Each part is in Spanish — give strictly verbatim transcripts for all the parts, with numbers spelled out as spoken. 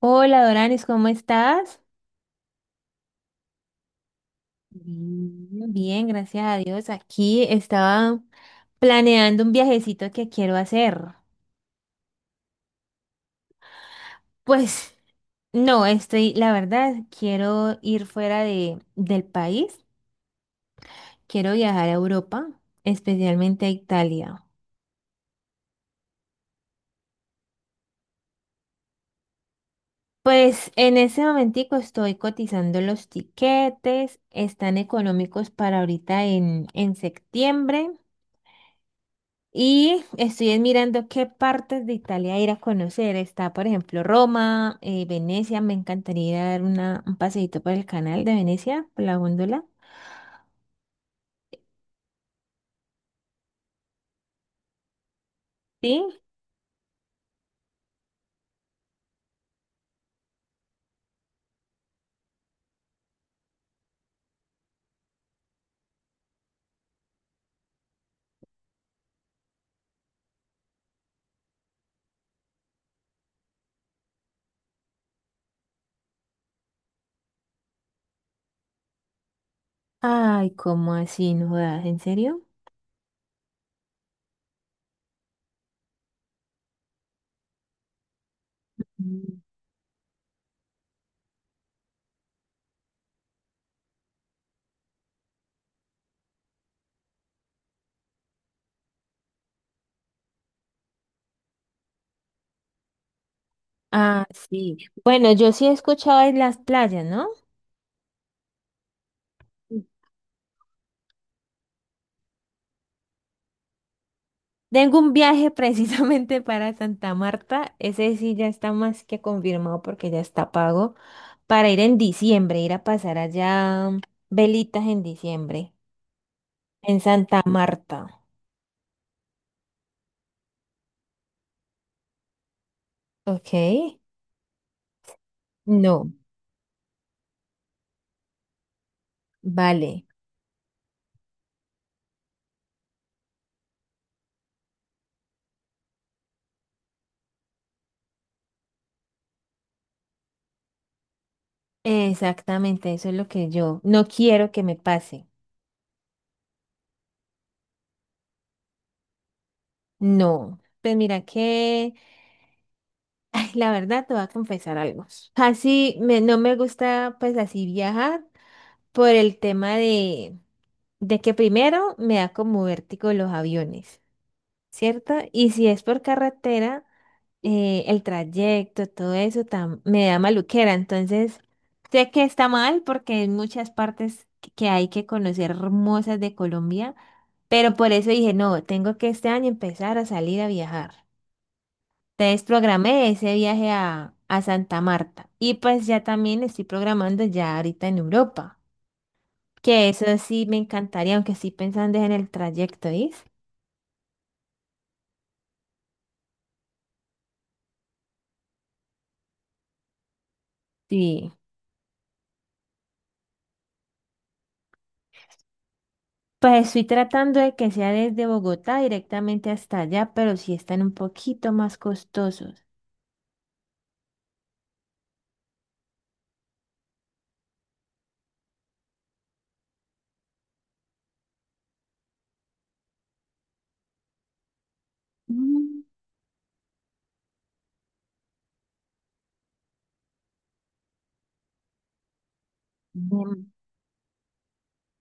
Hola Doranis, ¿cómo estás? Mm. Bien, gracias a Dios. Aquí estaba planeando un viajecito que quiero hacer. Pues no, estoy, la verdad, quiero ir fuera de, del país. Quiero viajar a Europa, especialmente a Italia. Pues en ese momentico estoy cotizando los tiquetes. Están económicos para ahorita en, en septiembre. Y estoy mirando qué partes de Italia ir a conocer. Está, por ejemplo, Roma, eh, Venecia. Me encantaría dar una, un paseíto por el canal de Venecia, por la góndola. ¿Sí? Ay, ¿cómo así? ¿No jodas? ¿En serio? Mm. Ah, sí. Bueno, yo sí he escuchado de las playas, ¿no? Mm. Tengo un viaje precisamente para Santa Marta. Ese sí ya está más que confirmado porque ya está pago para ir en diciembre, ir a pasar allá mm, velitas en diciembre. En Santa Marta. Ok. No, vale. Exactamente, eso es lo que yo no quiero que me pase. No. Pues mira que, ay, la verdad te voy a confesar algo. Así me, no me gusta pues así viajar por el tema de, de que primero me da como vértigo los aviones. ¿Cierto? Y si es por carretera, eh, el trayecto, todo eso tam- me da maluquera. Entonces, sé que está mal porque hay muchas partes que que hay que conocer hermosas de Colombia, pero por eso dije, no, tengo que este año empezar a salir a viajar. Entonces, programé ese viaje a, a Santa Marta y pues ya también estoy programando ya ahorita en Europa, que eso sí me encantaría, aunque estoy pensando en el trayecto, ¿sí? Sí. Pues estoy tratando de que sea desde Bogotá directamente hasta allá, pero sí están un poquito más costosos. Mm. Em,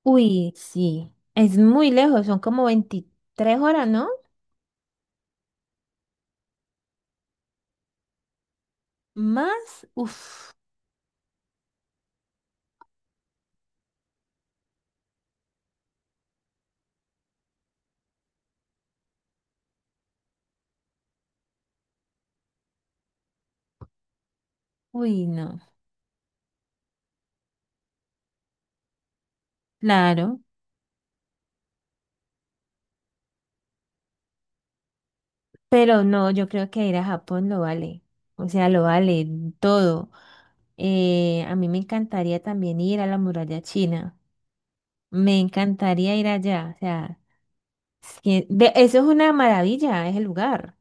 Uy, sí, es muy lejos, son como veintitrés horas, ¿no? Más, uff, uy, no, claro, pero no, yo creo que ir a Japón lo vale, o sea, lo vale todo. Eh, a mí me encantaría también ir a la muralla china, me encantaría ir allá, o sea, es que- de- eso es una maravilla, es el lugar.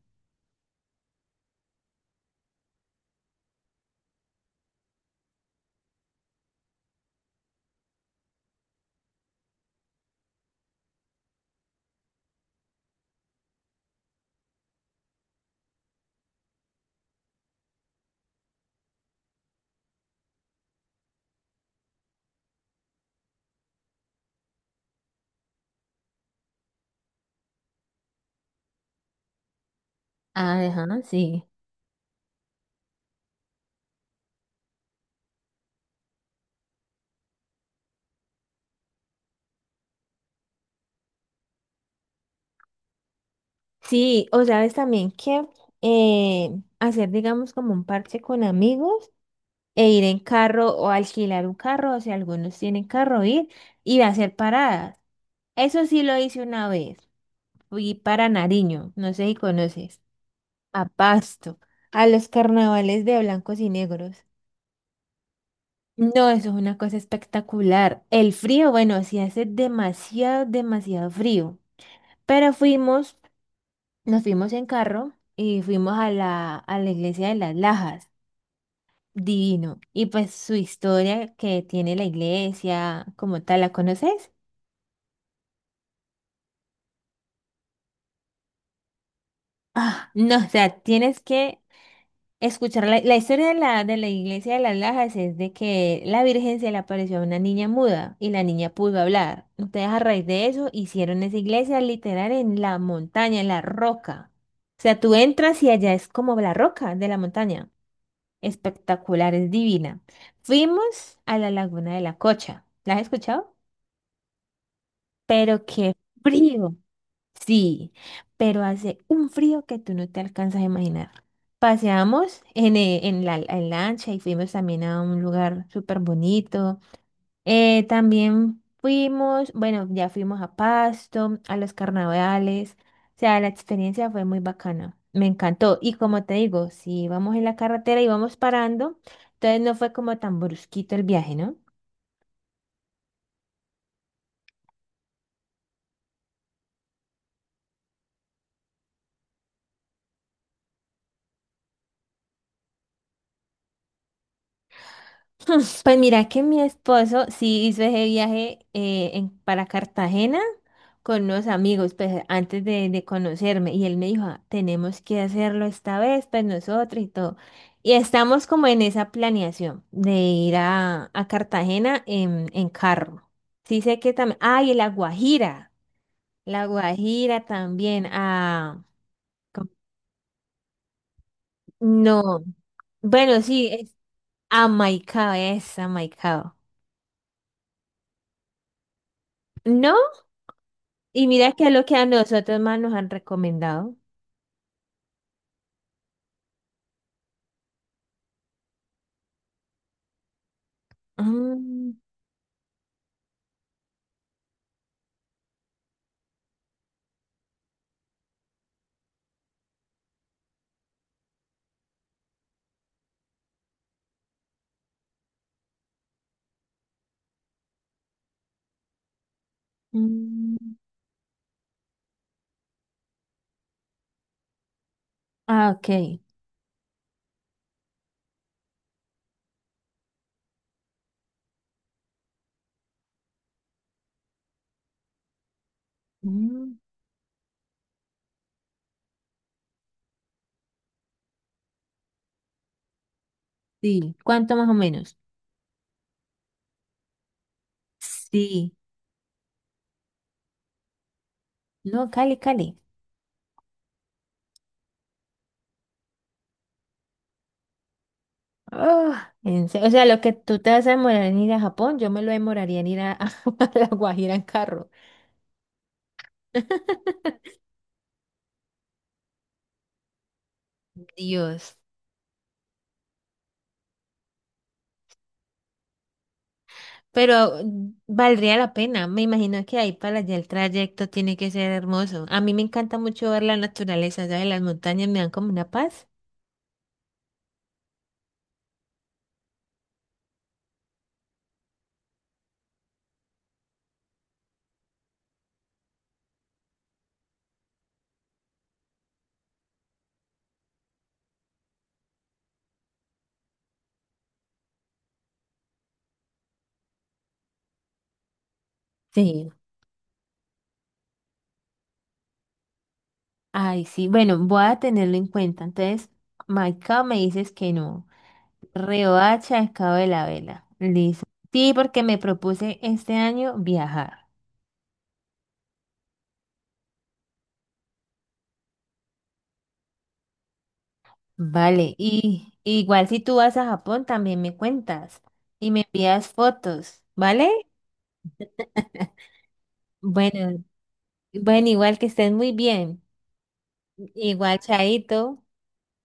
Ah, ajá, sí. Sí, o sabes también que eh, hacer, digamos, como un parche con amigos e ir en carro o alquilar un carro, o sea, algunos tienen carro, ir y hacer paradas. Eso sí lo hice una vez. Fui para Nariño, no sé si conoces, a Pasto, a los carnavales de blancos y negros. No, eso es una cosa espectacular. El frío, bueno, sí hace demasiado, demasiado frío. Pero fuimos. Nos fuimos en carro y fuimos a la, a la iglesia de las Lajas. Divino. Y pues su historia que tiene la iglesia, como tal, ¿la conoces? Ah, no, o sea, tienes que escuchar la, la historia de la, de la iglesia de las Lajas es de que la Virgen se le apareció a una niña muda y la niña pudo hablar. Entonces, a raíz de eso, hicieron esa iglesia literal en la montaña, en la roca. O sea, tú entras y allá es como la roca de la montaña. Espectacular, es divina. Fuimos a la Laguna de la Cocha. ¿La has escuchado? Pero qué frío. Sí, pero hace un frío que tú no te alcanzas a imaginar. Paseamos en, eh, en la, en lancha y fuimos también a un lugar súper bonito. Eh, también fuimos, bueno, ya fuimos a Pasto, a los carnavales, o sea, la experiencia fue muy bacana, me encantó. Y como te digo, si vamos en la carretera y vamos parando, entonces no fue como tan brusquito el viaje, ¿no? Pues mira que mi esposo sí hizo ese viaje eh, en- para Cartagena con unos amigos, pues antes de, de conocerme. Y él me dijo, "Ah, tenemos que hacerlo esta vez, pues nosotros y todo." Y estamos como en esa planeación de ir a, a Cartagena en, en carro. Sí sé que también, ay, y La Guajira, La Guajira también, ah, ¿cómo? No, bueno, sí, es Amaicao, es Amaicao. ¿No? Y mira qué es lo que a nosotros más nos han recomendado. Mm, mm, ah, ok. Mm, sí. ¿Cuánto más o menos? Sí. No, Cali, Cali. Ah, en se- o sea, lo que tú te vas a demorar en ir a Japón, yo me lo demoraría en ir a, a La Guajira en carro. Dios. Pero mm, valdría la pena. Me imagino que ahí para allá el trayecto tiene que ser hermoso. A mí me encanta mucho ver la naturaleza, ¿sabes? Las montañas me dan como una paz. Sí. Ay, sí, bueno, voy a tenerlo en cuenta. Entonces, Maicao me dices que no. Riohacha, el Cabo de la Vela. Listo. Sí, porque me propuse este año viajar. Vale, y igual si tú vas a Japón también me cuentas y me envías fotos, ¿vale? Bueno, bueno, igual que estés muy bien. Igual, Chaito.